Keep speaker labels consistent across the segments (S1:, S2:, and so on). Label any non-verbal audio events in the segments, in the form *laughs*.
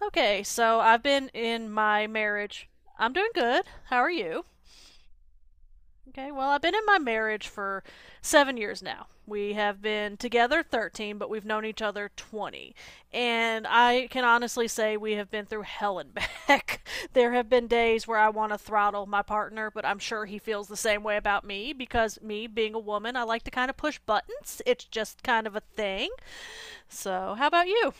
S1: Okay, so I've been in my marriage. I'm doing good. How are you? Okay, well, I've been in my marriage for 7 years now. We have been together 13, but we've known each other 20. And I can honestly say we have been through hell and back. *laughs* There have been days where I want to throttle my partner, but I'm sure he feels the same way about me because, me being a woman, I like to kind of push buttons. It's just kind of a thing. So, how about you?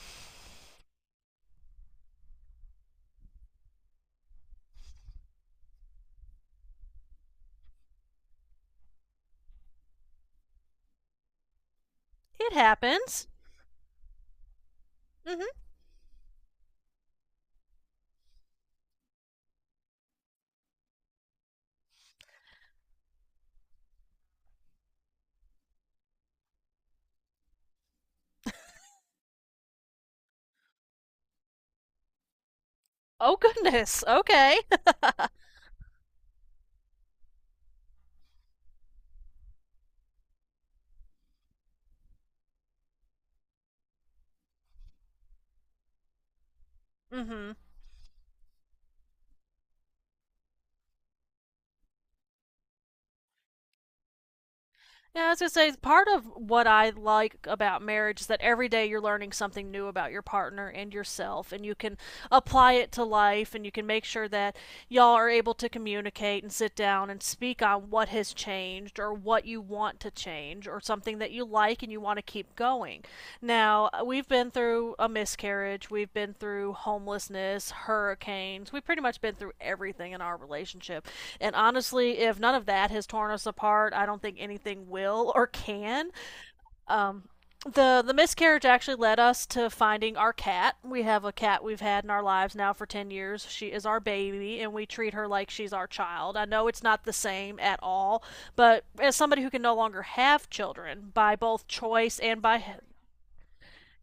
S1: It happens. hmm Oh, goodness. Okay. Mm-hmm. Yeah, I was gonna say part of what I like about marriage is that every day you're learning something new about your partner and yourself, and you can apply it to life, and you can make sure that y'all are able to communicate and sit down and speak on what has changed or what you want to change. Change or something that you like and you want to keep going. Now, we've been through a miscarriage, we've been through homelessness, hurricanes, we've pretty much been through everything in our relationship. And honestly, if none of that has torn us apart, I don't think anything will or can. Um, the miscarriage actually led us to finding our cat. We have a cat we've had in our lives now for 10 years. She is our baby and we treat her like she's our child. I know it's not the same at all, but as somebody who can no longer have children by both choice and by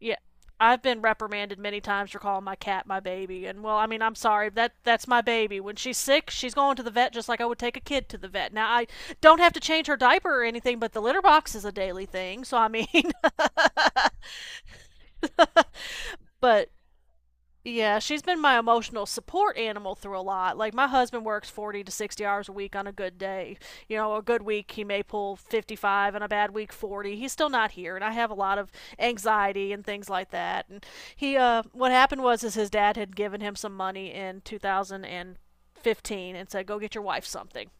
S1: yeah, I've been reprimanded many times for calling my cat my baby. And well, I mean, I'm sorry. That's my baby. When she's sick, she's going to the vet just like I would take a kid to the vet. Now I don't have to change her diaper or anything, but the litter box is a daily thing. So I mean, *laughs* but yeah, she's been my emotional support animal through a lot. Like my husband works 40 to 60 hours a week on a good day. You know, a good week he may pull 55 and a bad week 40. He's still not here and I have a lot of anxiety and things like that. And he what happened was is his dad had given him some money in 2015 and said go get your wife something.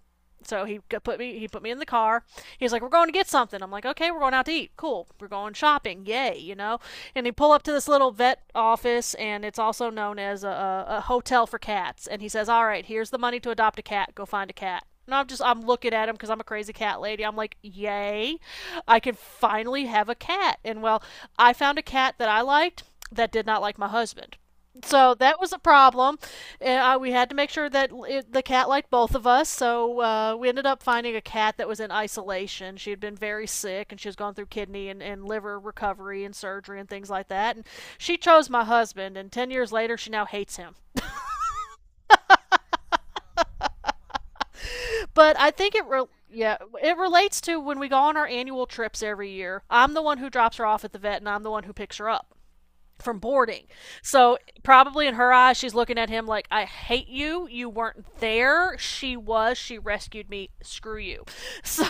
S1: So he put me in the car. He's like, "We're going to get something." I'm like, "Okay, we're going out to eat. Cool. We're going shopping. Yay!" You know. And he pull up to this little vet office, and it's also known as a hotel for cats. And he says, "All right, here's the money to adopt a cat. Go find a cat." And I'm just I'm looking at him because I'm a crazy cat lady. I'm like, "Yay! I can finally have a cat." And well, I found a cat that I liked that did not like my husband. So that was a problem. And, we had to make sure that it, the cat liked both of us. So we ended up finding a cat that was in isolation. She had been very sick and she was going through kidney and liver recovery and surgery and things like that. And she chose my husband. And 10 years later, she now hates him. But I think it. Yeah, it relates to when we go on our annual trips every year. I'm the one who drops her off at the vet and I'm the one who picks her up from boarding. So probably in her eyes, she's looking at him like, "I hate you. You weren't there. She was. She rescued me. Screw you." *laughs* So,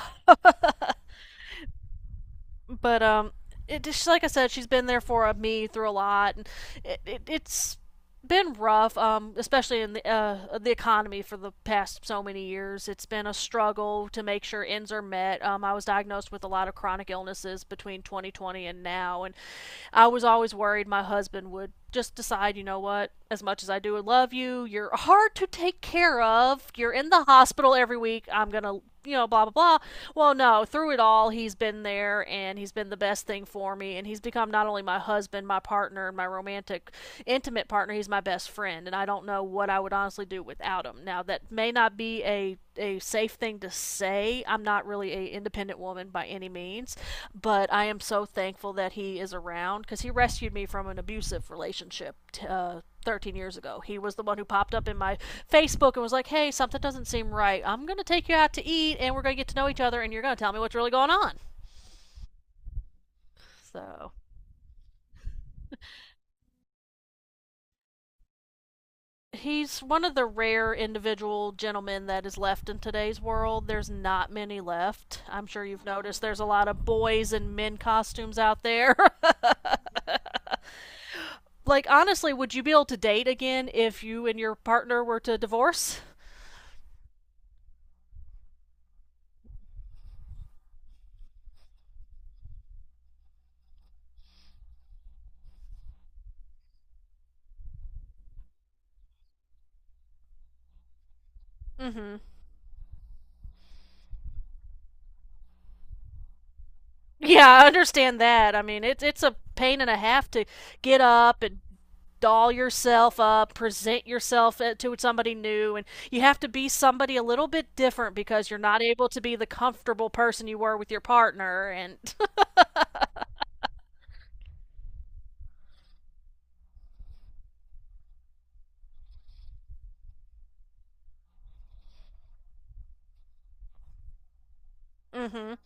S1: but it just like I said, she's been there for me through a lot, and it's been rough, especially in the economy for the past so many years. It's been a struggle to make sure ends are met. I was diagnosed with a lot of chronic illnesses between 2020 and now, and I was always worried my husband would just decide, you know what, as much as I do love you, you're hard to take care of. You're in the hospital every week. I'm going to, you know, blah, blah, blah. Well, no, through it all, he's been there and he's been the best thing for me. And he's become not only my husband, my partner, my romantic, intimate partner. He's my best friend, and I don't know what I would honestly do without him. Now, that may not be a safe thing to say. I'm not really a independent woman by any means, but I am so thankful that he is around because he rescued me from an abusive relationship. 13 years ago. He was the one who popped up in my Facebook and was like, "Hey, something doesn't seem right. I'm going to take you out to eat and we're going to get to know each other and you're going to tell me what's really going on." So, he's one of the rare individual gentlemen that is left in today's world. There's not many left. I'm sure you've noticed there's a lot of boys in men costumes out there. *laughs* Like honestly, would you be able to date again if you and your partner were to divorce? Mhm. Yeah, I understand that. I mean, it's a pain and a half to get up and doll yourself up, present yourself to somebody new, and you have to be somebody a little bit different because you're not able to be the comfortable person you were with your partner. And *laughs* mm-hmm.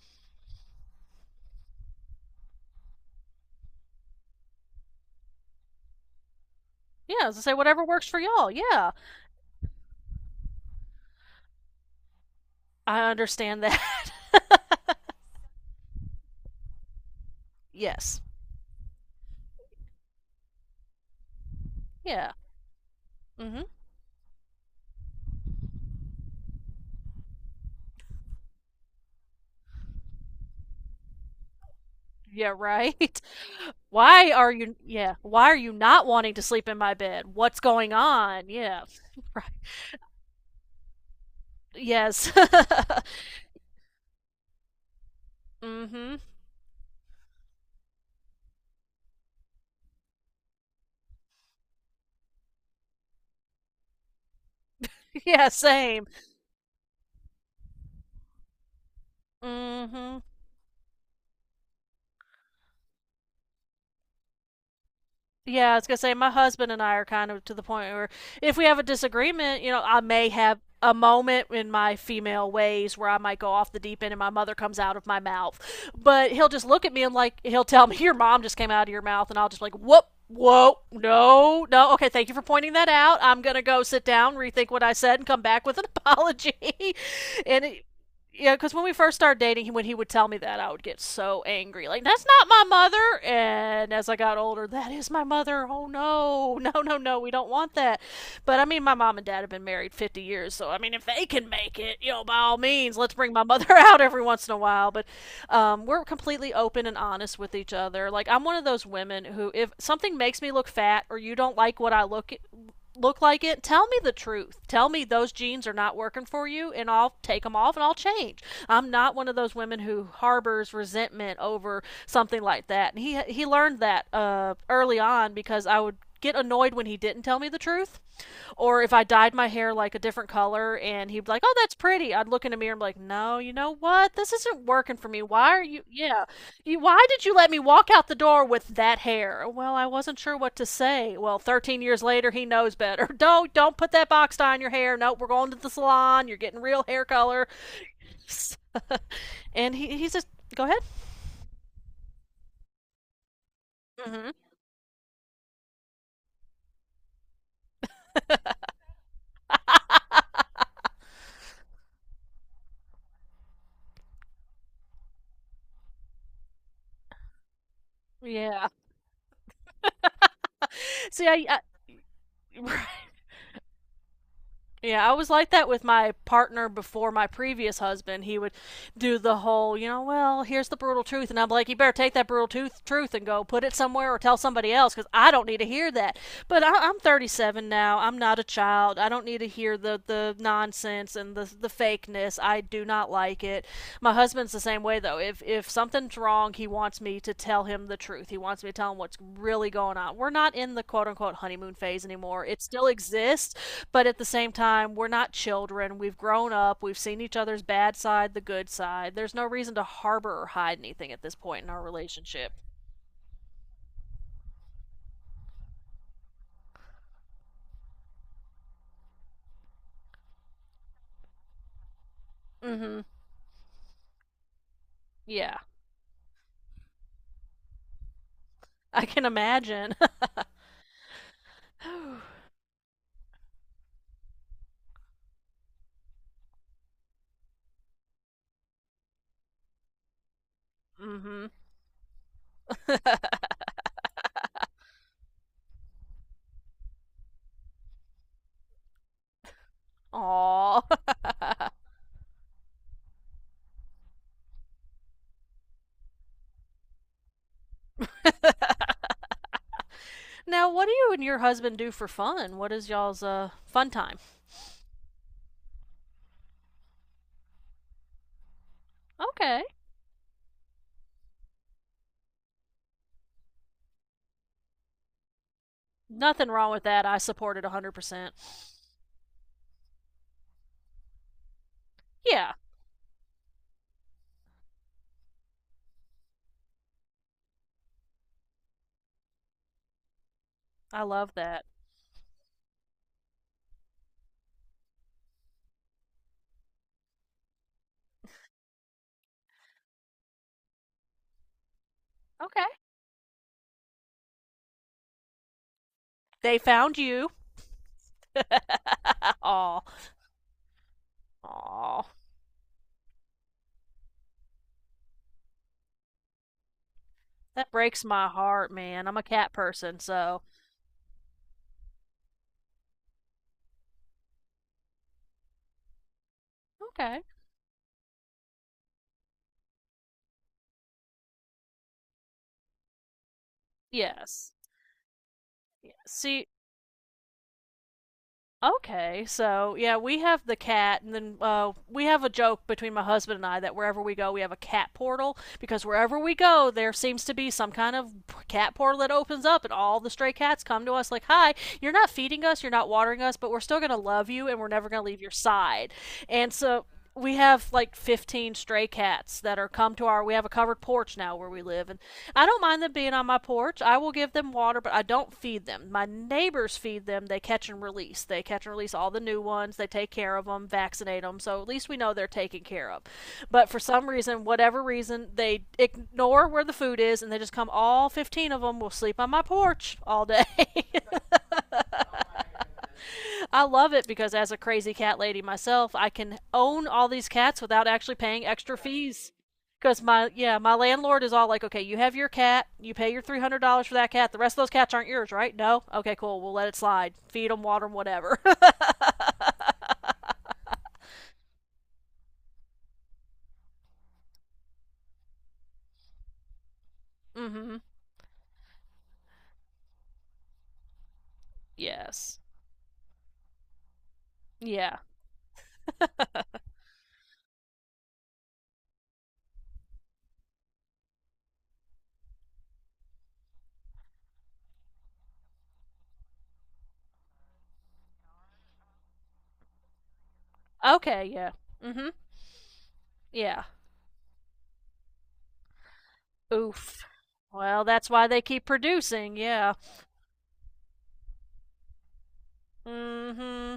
S1: Yeah, as I say, whatever works for y'all. Yeah, I understand that. *laughs* Yes. Yeah. Mm-hmm. Yeah. Right. *laughs* Why are you? Yeah. Why are you not wanting to sleep in my bed? What's going on? Yeah. *laughs* Right. Yes. *laughs* Mm-hmm. Yeah. Same. Mm-hmm. Yeah, I was gonna say my husband and I are kind of to the point where if we have a disagreement, you know, I may have a moment in my female ways where I might go off the deep end and my mother comes out of my mouth. But he'll just look at me and like he'll tell me, your mom just came out of your mouth and I'll just like, whoop, whoa, no, no, okay, thank you for pointing that out. I'm gonna go sit down, rethink what I said and come back with an apology. *laughs* and it, yeah, because when we first started dating, when he would tell me that, I would get so angry. Like, that's not my mother. And as I got older, that is my mother. Oh, no. *laughs* No, no, no. We don't want that. But I mean, my mom and dad have been married 50 years. So, I mean, if they can make it, you know, by all means, let's bring my mother *laughs* out every once in a while. But we're completely open and honest with each other. Like, I'm one of those women who, if something makes me look fat or you don't like what I look at look like it, tell me the truth. Tell me those jeans are not working for you, and I'll take them off and I'll change. I'm not one of those women who harbors resentment over something like that. And he learned that early on because I would get annoyed when he didn't tell me the truth, or if I dyed my hair like a different color and he'd be like, "Oh, that's pretty," I'd look in the mirror and be like, "No, you know what? This isn't working for me. Why are you? Yeah." Why did you let me walk out the door with that hair? Well, I wasn't sure what to say. Well, 13 years later, he knows better. *laughs* Don't put that box dye on your hair. No, nope, we're going to the salon. You're getting real hair color. And he's just go ahead. Mm-hmm. Yeah. *laughs* See, I *laughs* right. Yeah, I was like that with my partner before my previous husband. He would do the whole, you know, well, here's the brutal truth, and I'm like, you better take that truth and go put it somewhere or tell somebody else because I don't need to hear that. But I'm 37 now. I'm not a child. I don't need to hear the nonsense and the fakeness. I do not like it. My husband's the same way though. If something's wrong, he wants me to tell him the truth. He wants me to tell him what's really going on. We're not in the quote unquote honeymoon phase anymore. It still exists, but at the same time, we're not children. We've grown up. We've seen each other's bad side, the good side. There's no reason to harbor or hide anything at this point in our relationship. Mm-hmm. Yeah. *laughs* I can imagine. *laughs* Mm-hmm. Aw. *laughs* Now, what do you and your husband do for fun? What is y'all's fun time? Okay. Nothing wrong with that. I support it 100%. Yeah, I love that. Okay. They found you. *laughs* Aw. Aw. That breaks my heart, man. I'm a cat person, so. Okay. Yes. Yeah. See, okay, so yeah, we have the cat, and then we have a joke between my husband and I that wherever we go, we have a cat portal because wherever we go, there seems to be some kind of cat portal that opens up, and all the stray cats come to us like, "Hi, you're not feeding us, you're not watering us, but we're still gonna love you, and we're never gonna leave your side." And so we have like 15 stray cats that are come to our, we have a covered porch now where we live. And I don't mind them being on my porch. I will give them water, but I don't feed them. My neighbors feed them. They catch and release. They catch and release all the new ones. They take care of them, vaccinate them. So at least we know they're taken care of. But for some reason, whatever reason, they ignore where the food is and they just come, all 15 of them will sleep on my porch all day. *laughs* I love it because as a crazy cat lady myself, I can own all these cats without actually paying extra fees. Because my, yeah, my landlord is all like, okay, you have your cat, you pay your $300 for that cat. The rest of those cats aren't yours, right? No. Okay, cool. We'll let it slide. Feed them, water them, whatever. *laughs* Mm-hmm. Yes. Yeah. Okay. Yeah. Mm-hmm. Yeah. Oof. Well, that's why they keep producing. Yeah. Mm-hmm.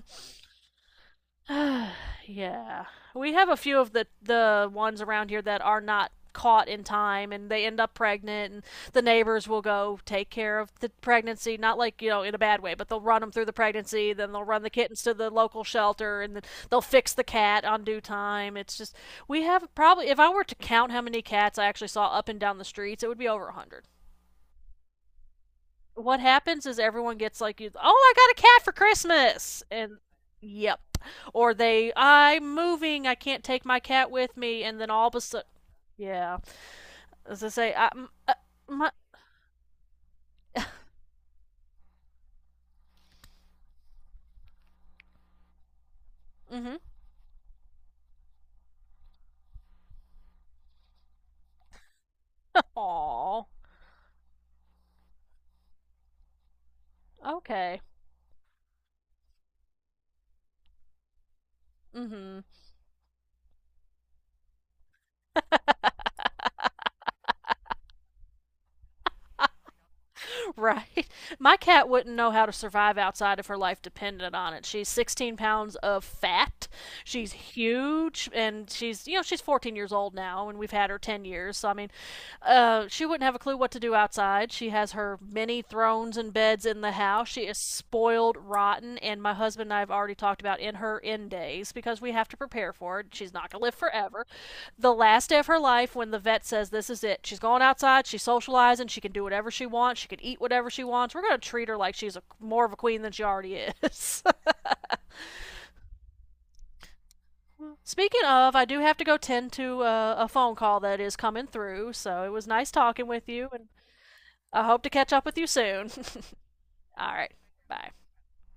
S1: *sighs* Yeah. We have a few of the ones around here that are not caught in time and they end up pregnant, and the neighbors will go take care of the pregnancy, not like, you know, in a bad way, but they'll run them through the pregnancy, then they'll run the kittens to the local shelter, and then they'll fix the cat on due time. It's just, we have probably, if I were to count how many cats I actually saw up and down the streets, it would be over a 100. What happens is everyone gets like, "Oh, I got a cat for Christmas," and yep, or they, "I'm moving, I can't take my cat with me," and then all of a sudden, yeah, as I say, uh, my, mm-hmm, aw, okay. Mm-hmm. *laughs* Right. My cat wouldn't know how to survive outside if her life depended on it. She's 16 pounds of fat. She's huge, and she's, you know, she's 14 years old now, and we've had her 10 years. So I mean, she wouldn't have a clue what to do outside. She has her many thrones and beds in the house. She is spoiled rotten, and my husband and I have already talked about, in her end days, because we have to prepare for it. She's not going to live forever. The last day of her life, when the vet says this is it, she's going outside, she's socializing, she can do whatever she wants, she can eat whatever she wants. We're going to treat her like she's a, more of a queen than she already is. *laughs* Speaking of, I do have to go tend to a phone call that is coming through, so it was nice talking with you, and I hope to catch up with you soon. *laughs* All right. Bye.